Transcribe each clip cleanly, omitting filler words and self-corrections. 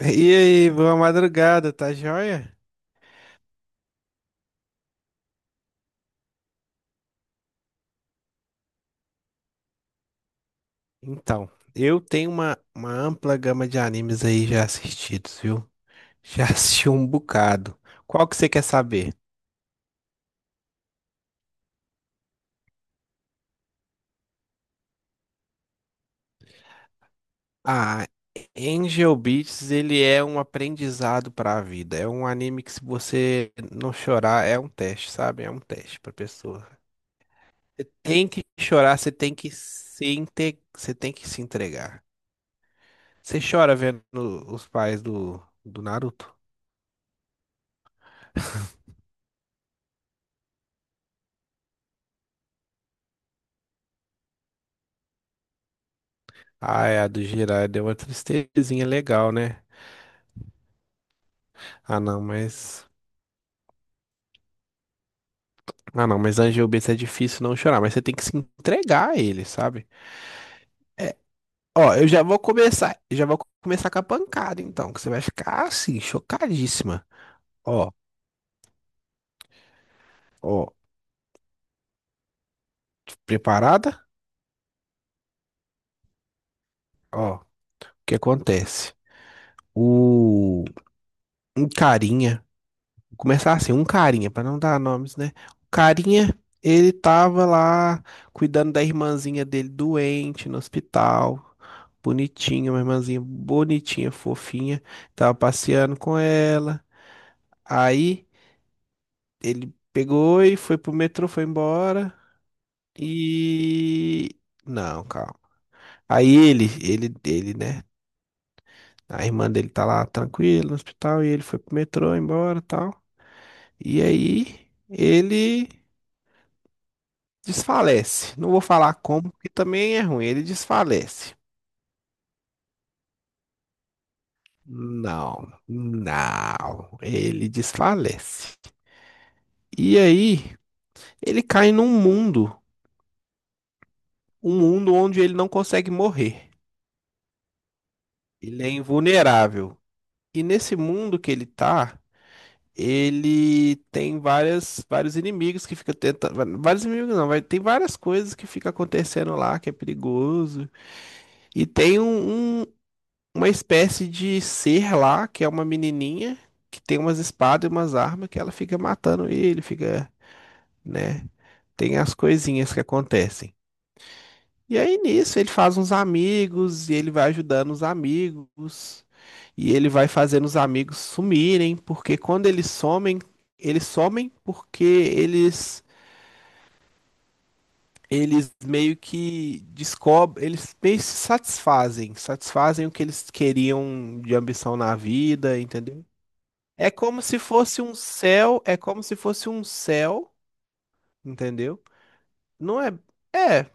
E aí, boa madrugada, tá joia? Então, eu tenho uma ampla gama de animes aí já assistidos, viu? Já assisti um bocado. Qual que você quer saber? Ah, Angel Beats, ele é um aprendizado pra vida. É um anime que se você não chorar, é um teste, sabe? É um teste pra pessoa. Tem que chorar, você tem que se entregar. Você chora vendo os pais do Naruto? Ai, a do Jiraiya deu uma tristezinha legal, né? Ah, não, mas. Ah, não, mas Angel Beats é difícil não chorar, mas você tem que se entregar a ele, sabe? É, ó, eu já vou começar com a pancada, então, que você vai ficar assim, chocadíssima. Ó, ó, Preparada? Ó, o que acontece? O um carinha. Começar assim, Um carinha, pra não dar nomes, né? O carinha, ele tava lá cuidando da irmãzinha dele doente no hospital. Bonitinha, uma irmãzinha bonitinha, fofinha. Tava passeando com ela. Aí ele pegou e foi pro metrô, foi embora. E não, calma. Aí ele, né? A irmã dele tá lá tranquila no hospital e ele foi pro metrô, embora, e tal. E aí ele Desfalece. Não vou falar como, porque também é ruim. Ele desfalece. Não, não. Ele desfalece. E aí, ele cai num mundo, um mundo onde ele não consegue morrer. Ele é invulnerável. E nesse mundo que ele tá, ele tem vários inimigos que fica tentando. Vários inimigos não, vai, tem várias coisas que fica acontecendo lá que é perigoso. E tem uma espécie de ser lá, que é uma menininha que tem umas espadas e umas armas que ela fica matando ele, fica, né? Tem as coisinhas que acontecem. E aí nisso ele faz uns amigos e ele vai ajudando os amigos e ele vai fazendo os amigos sumirem, porque quando eles somem porque eles meio que descobrem, eles meio que se satisfazem, satisfazem o que eles queriam de ambição na vida, entendeu? É como se fosse um céu, É como se fosse um céu, entendeu? Não é, é,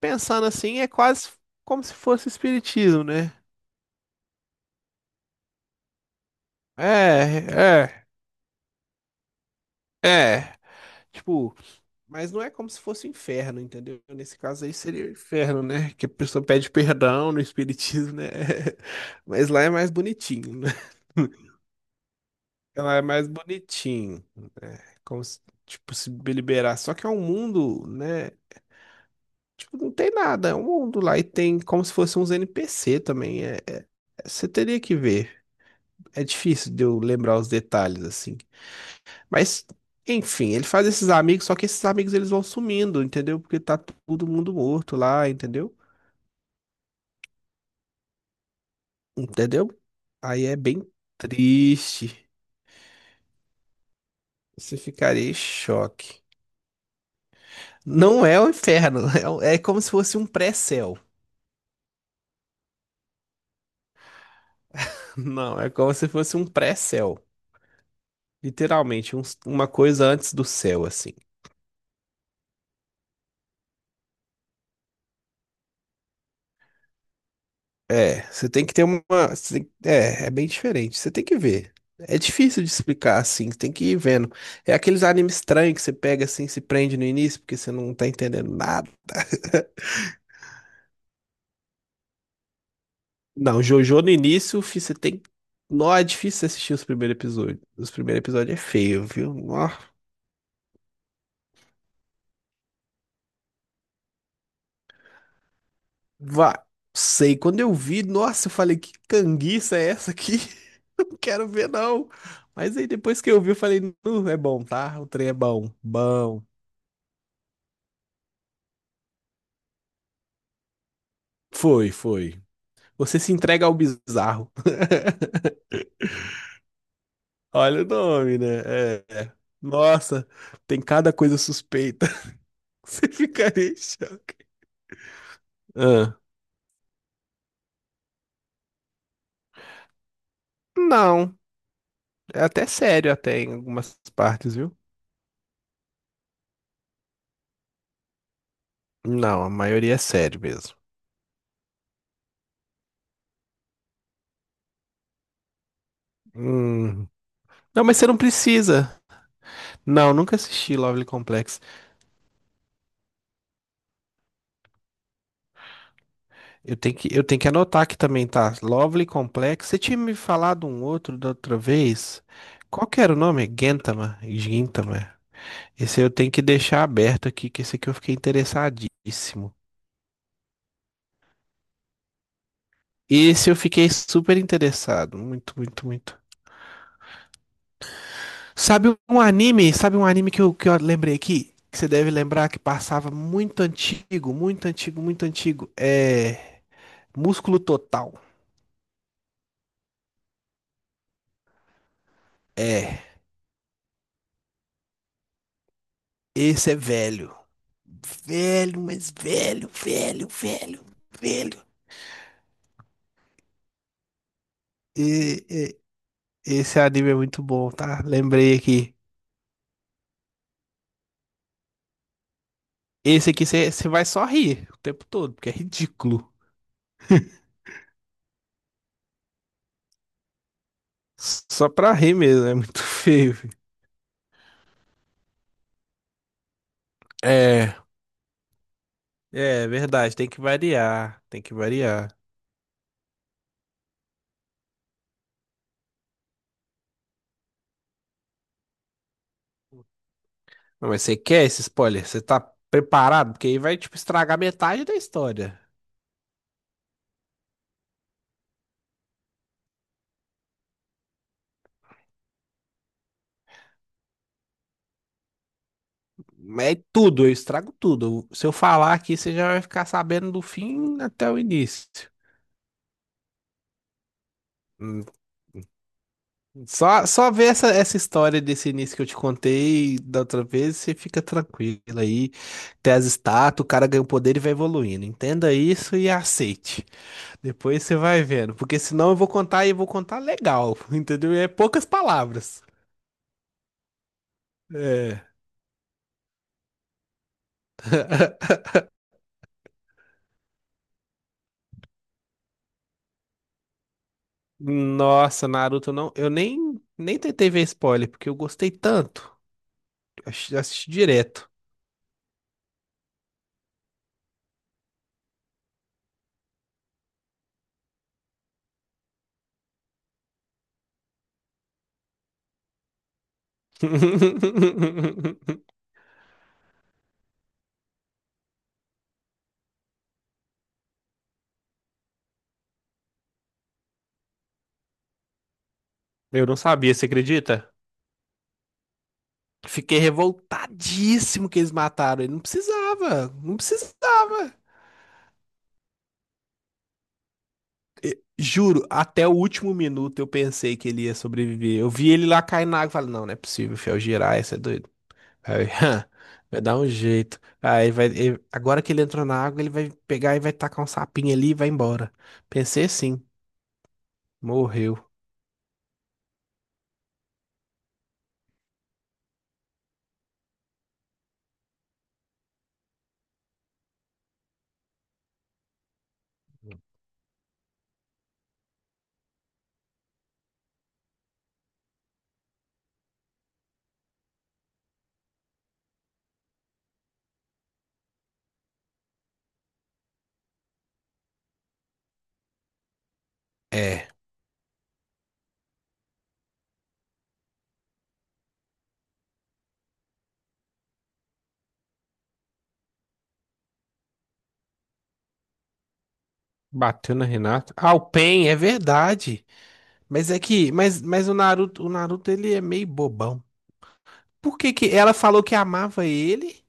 Pensando assim, é quase como se fosse espiritismo, né? É, é, é. Tipo, mas não é como se fosse inferno, entendeu? Nesse caso aí seria o inferno, né? Que a pessoa pede perdão no espiritismo, né? Mas lá é mais bonitinho, né? Ela é mais bonitinho, né? Como se, tipo, se liberar. Só que é um mundo, né? Tipo, não tem nada, é um mundo lá e tem como se fossem uns NPC também. Você teria que ver. É difícil de eu lembrar os detalhes assim. Mas, enfim, ele faz esses amigos, só que esses amigos eles vão sumindo, entendeu? Porque tá todo mundo morto lá, entendeu? Entendeu? Aí é bem triste. Você ficaria em choque. Não é o inferno, é como se fosse um pré-céu. Não, é como se fosse um pré-céu. Literalmente, uma coisa antes do céu, assim. É, você tem que ter uma. Você tem- É, é bem diferente. Você tem que ver. É difícil de explicar assim, você tem que ir vendo. É aqueles animes estranhos que você pega assim, se prende no início, porque você não tá entendendo nada. Não, JoJo no início, fi, você tem. Não, é difícil você assistir os primeiros episódios. Os primeiros episódios é feio, viu? Nó, vá. Sei, quando eu vi, nossa, eu falei, que canguiça é essa aqui? Não quero ver, não. Mas aí depois que eu vi, eu falei, "Nu, é bom, tá? O trem é bom. Bom. Foi, foi. Você se entrega ao bizarro. Olha o nome, né? É. Nossa, tem cada coisa suspeita. Você ficaria em choque. Ah. Não, é até sério até em algumas partes, viu? Não, a maioria é sério mesmo. Hum. Não, mas você não precisa. Não, nunca assisti Lovely Complex. Eu tenho que anotar aqui também, tá? Lovely Complex. Você tinha me falado um outro da outra vez? Qual que era o nome? Gintama. Esse eu tenho que deixar aberto aqui, que esse aqui eu fiquei interessadíssimo. Esse eu fiquei super interessado. Muito, muito, muito. Sabe um anime? Sabe um anime que eu lembrei aqui? Que você deve lembrar que passava muito antigo, muito antigo, muito antigo. É. Músculo Total. É. Esse é velho. Velho, mas velho, velho, velho, velho. E- e- Esse anime é muito bom, tá? Lembrei aqui. Esse aqui você vai só rir o tempo todo, porque é ridículo. Só pra rir mesmo, é muito feio. Filho. É, É, é verdade, tem que variar, tem que variar. Não, mas você quer esse spoiler? Você tá preparado? Porque aí vai, tipo, estragar metade da história. Mas é tudo, eu estrago tudo. Se eu falar aqui, você já vai ficar sabendo do fim até o início. Hum, Só, só ver essa história desse início que eu te contei da outra vez, você fica tranquilo aí. Tem as estátuas, o cara ganha o poder e vai evoluindo. Entenda isso e aceite. Depois você vai vendo, porque senão eu vou contar e eu vou contar legal, entendeu? É poucas palavras. É. Nossa, Naruto não, eu nem tentei ver spoiler, porque eu gostei tanto. Assisti direto. Eu não sabia, você acredita? Fiquei revoltadíssimo que eles mataram ele. Não precisava, não precisava. Juro, até o último minuto eu pensei que ele ia sobreviver. Eu vi ele lá cair na água e falei, não, não é possível, fiel, girar, isso é doido. Aí, vai dar um jeito. Agora que ele entrou na água, ele vai pegar e vai tacar um sapinho ali e vai embora. Pensei assim, morreu. É, bateu na Renata. Ah, o Pain, é verdade. Mas o Naruto ele é meio bobão. Por que que ela falou que amava ele?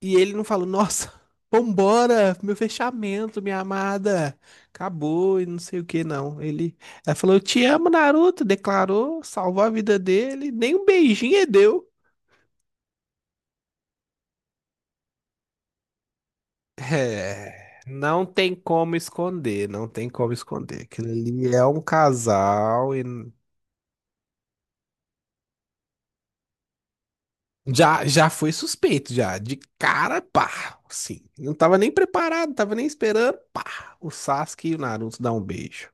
E ele não falou, nossa, vambora, meu fechamento, minha amada, acabou e não sei o que, não. Ela falou, eu te amo, Naruto, declarou, salvou a vida dele, nem um beijinho ele deu. É, não tem como esconder, não tem como esconder. Aquilo ali é um casal e já, já foi suspeito, já, de cara, pá, assim. Não tava nem preparado, não tava nem esperando, pá, o Sasuke e o Naruto dão um beijo.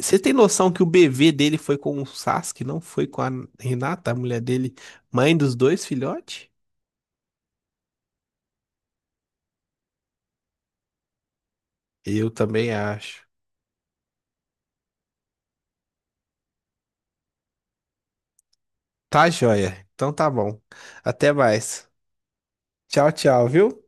Você tem noção que o bebê dele foi com o Sasuke, não foi com a Renata, a mulher dele, mãe dos dois filhotes? Eu também acho. Tá joia. Então tá bom. Até mais. Tchau, tchau, viu?